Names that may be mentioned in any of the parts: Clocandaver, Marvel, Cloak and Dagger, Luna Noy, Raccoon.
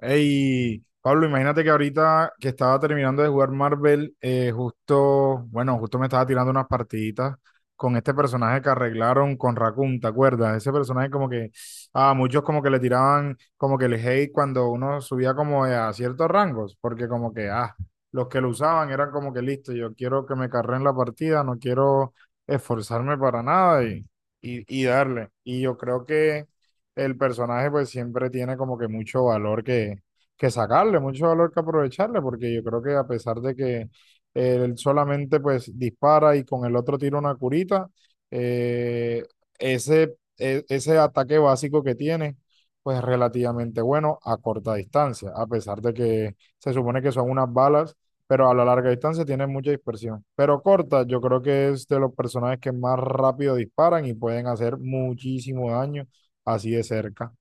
Hey Pablo, imagínate que ahorita que estaba terminando de jugar Marvel, bueno, justo me estaba tirando unas partiditas con este personaje que arreglaron con Raccoon, ¿te acuerdas? Ese personaje como que a muchos como que le tiraban como que el hate cuando uno subía como a ciertos rangos, porque como que, los que lo usaban eran como que listo, yo quiero que me carreen la partida, no quiero esforzarme para nada y, darle. Y yo creo que el personaje pues siempre tiene como que mucho valor que sacarle, mucho valor que aprovecharle, porque yo creo que a pesar de que él solamente pues dispara y con el otro tira una curita, eh, ese ataque básico que tiene pues es relativamente bueno a corta distancia, a pesar de que se supone que son unas balas, pero a la larga distancia tiene mucha dispersión. Pero corta, yo creo que es de los personajes que más rápido disparan y pueden hacer muchísimo daño así de cerca.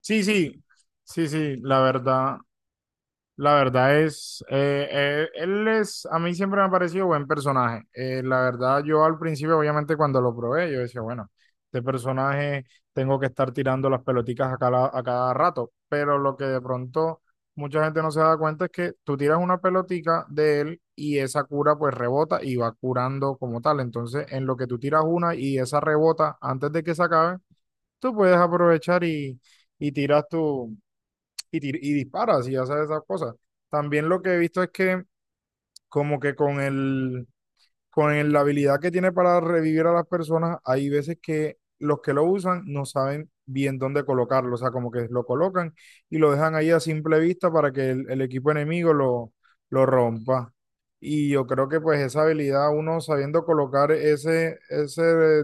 Sí, sí, sí, sí, la verdad, es, a mí siempre me ha parecido buen personaje. La verdad, yo al principio, obviamente, cuando lo probé, yo decía, bueno, este personaje tengo que estar tirando las pelotitas a cada rato, pero lo que de pronto mucha gente no se da cuenta es que tú tiras una pelotica de él y esa cura pues rebota y va curando como tal. Entonces, en lo que tú tiras una y esa rebota antes de que se acabe tú puedes aprovechar y tiras tu, y disparas y haces esas cosas. También lo que he visto es que como que con el, la habilidad que tiene para revivir a las personas, hay veces que los que lo usan no saben bien dónde colocarlo, o sea, como que lo colocan y lo dejan ahí a simple vista para que el equipo enemigo lo rompa. Y yo creo que pues esa habilidad, uno sabiendo colocar ese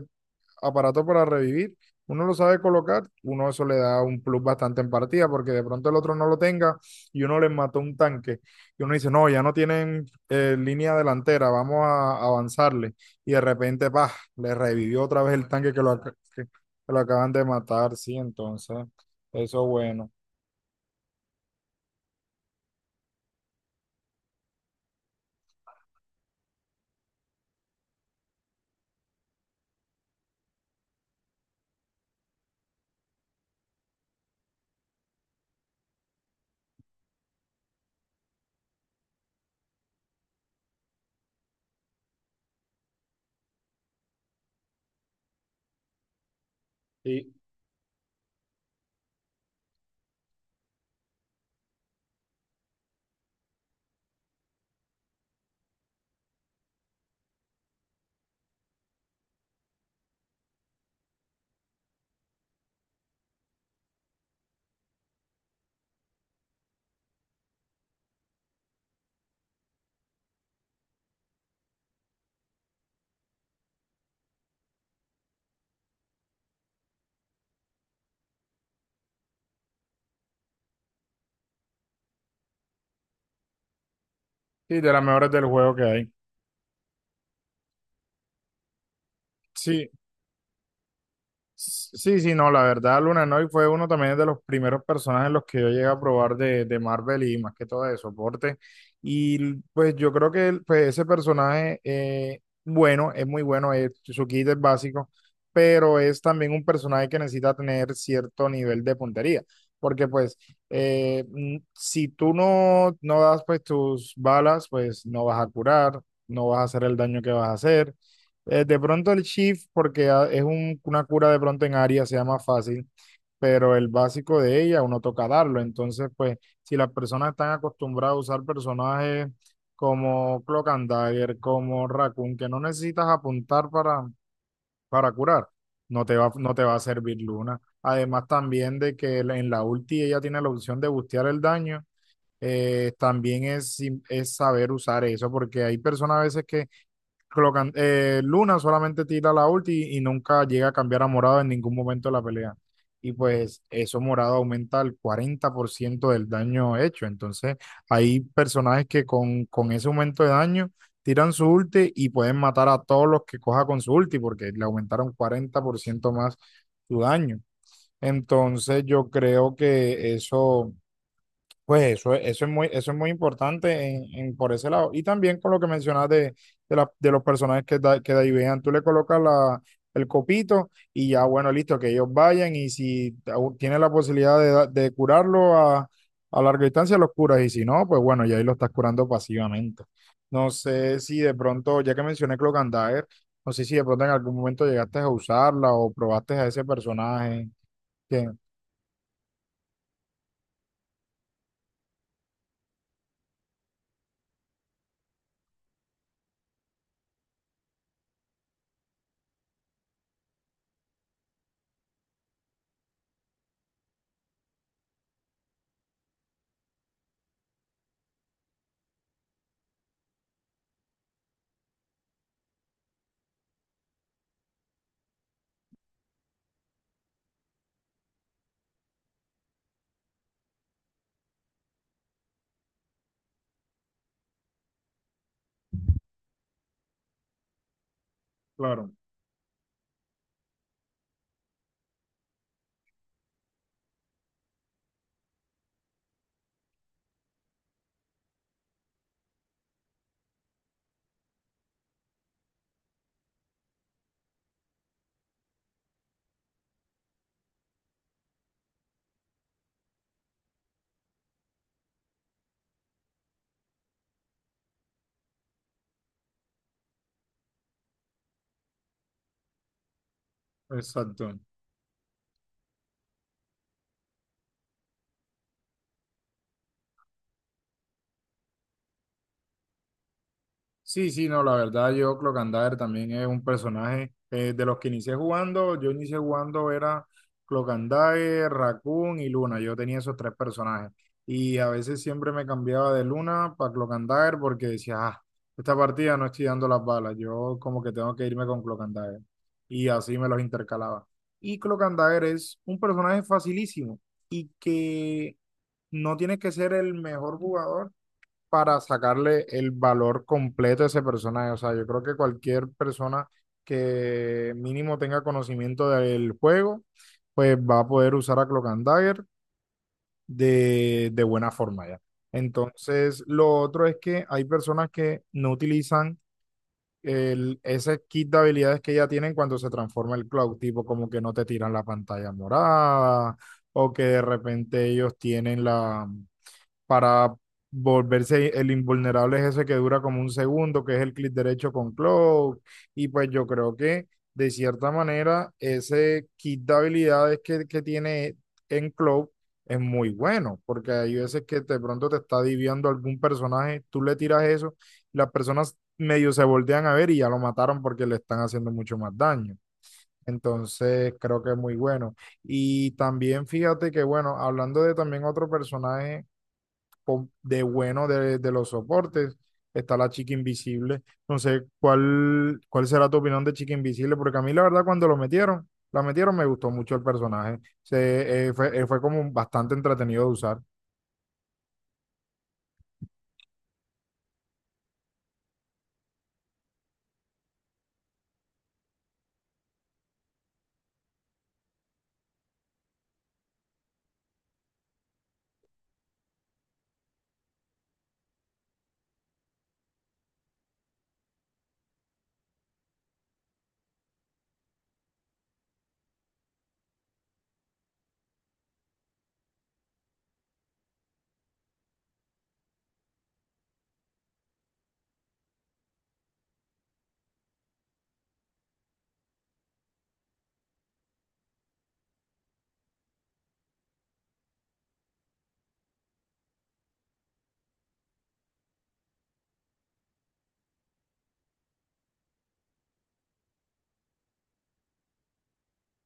aparato para revivir, uno lo sabe colocar, uno eso le da un plus bastante en partida, porque de pronto el otro no lo tenga y uno les mató un tanque. Y uno dice, no, ya no tienen línea delantera, vamos a avanzarle. Y de repente, pa, le revivió otra vez el tanque que lo acaban de matar, sí, entonces, eso es bueno. Y, y de las mejores del juego que hay. Sí, sí, sí, no, la verdad, Luna Noy fue uno también de los primeros personajes los que yo llegué a probar de Marvel y más que todo de soporte. Y pues yo creo que pues, ese personaje, bueno, es muy bueno, su kit es básico, pero es también un personaje que necesita tener cierto nivel de puntería, porque pues si tú no das pues tus balas, pues no vas a curar, no vas a hacer el daño que vas a hacer. De pronto el Shift, porque una cura de pronto en área, sea más fácil, pero el básico de ella uno toca darlo. Entonces, pues, si las personas están acostumbradas a usar personajes como Cloak and Dagger, como Raccoon, que no necesitas apuntar para, curar, no te va a servir Luna. Además, también de que en la ulti ella tiene la opción de bustear el daño, también es saber usar eso, porque hay personas a veces que Luna solamente tira la ulti y nunca llega a cambiar a morado en ningún momento de la pelea. Y pues eso morado aumenta el 40% del daño hecho. Entonces hay personajes que con, ese aumento de daño tiran su ulti y pueden matar a todos los que coja con su ulti porque le aumentaron 40% más su daño. Entonces yo creo que eso es muy importante por ese lado. Y también con lo que mencionas de, de los personajes que de ahí vean, tú le colocas el copito y ya, bueno, listo, que ellos vayan y si aún tienes la posibilidad de curarlo a larga distancia, los curas y si no, pues bueno, ya ahí lo estás curando pasivamente. No sé si de pronto, ya que mencioné Cloak and Dagger, no sé si de pronto en algún momento llegaste a usarla o probaste a ese personaje. Que, claro, exacto. Sí, sí, no, la verdad yo Clocandaver también es un personaje de los que inicié jugando, yo inicié jugando era Clocandaver, Raccoon y Luna, yo tenía esos tres personajes y a veces siempre me cambiaba de Luna para Clocandaver porque decía, esta partida no estoy dando las balas, yo como que tengo que irme con Clocandaver y así me los intercalaba. Y Clocandaver es un personaje facilísimo y que no tienes que ser el mejor jugador para sacarle el valor completo a ese personaje. O sea, yo creo que cualquier persona que mínimo tenga conocimiento del juego, pues va a poder usar a Cloak and Dagger de buena forma ya. Entonces, lo otro es que hay personas que no utilizan ese kit de habilidades que ya tienen cuando se transforma el Cloud, tipo como que no te tiran la pantalla morada o que de repente ellos tienen la para volverse el invulnerable es ese que dura como un segundo, que es el clic derecho con Cloak. Y pues yo creo que de cierta manera ese kit de habilidades que tiene en Cloak es muy bueno, porque hay veces que de pronto te está diviando algún personaje, tú le tiras eso, las personas medio se voltean a ver y ya lo mataron porque le están haciendo mucho más daño. Entonces creo que es muy bueno. Y también fíjate que, bueno, hablando de también otro personaje de los soportes. Está la chica invisible. No sé cuál será tu opinión de chica invisible, porque a mí la verdad cuando la metieron me gustó mucho el personaje. Fue como bastante entretenido de usar.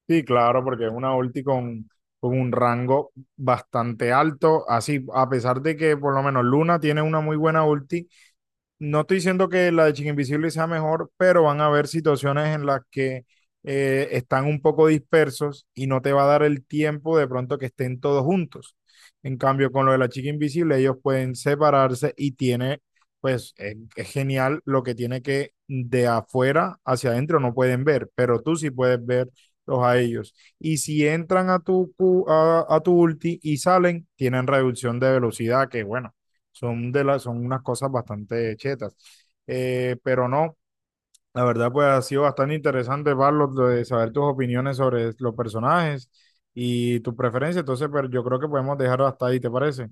Sí, claro, porque es una ulti con, un rango bastante alto. Así, a pesar de que por lo menos Luna tiene una muy buena ulti, no estoy diciendo que la de Chica Invisible sea mejor, pero van a haber situaciones en las que están un poco dispersos y no te va a dar el tiempo de pronto que estén todos juntos. En cambio, con lo de la Chica Invisible, ellos pueden separarse y pues, es genial lo que tiene que de afuera hacia adentro no pueden ver, pero tú sí puedes verlos a ellos. Y si entran a tu ulti y salen, tienen reducción de velocidad, que bueno son son unas cosas bastante chetas. Pero no, la verdad, pues ha sido bastante interesante, Pablo, de saber tus opiniones sobre los personajes y tus preferencias. Entonces, pero yo creo que podemos dejarlo hasta ahí, ¿te parece?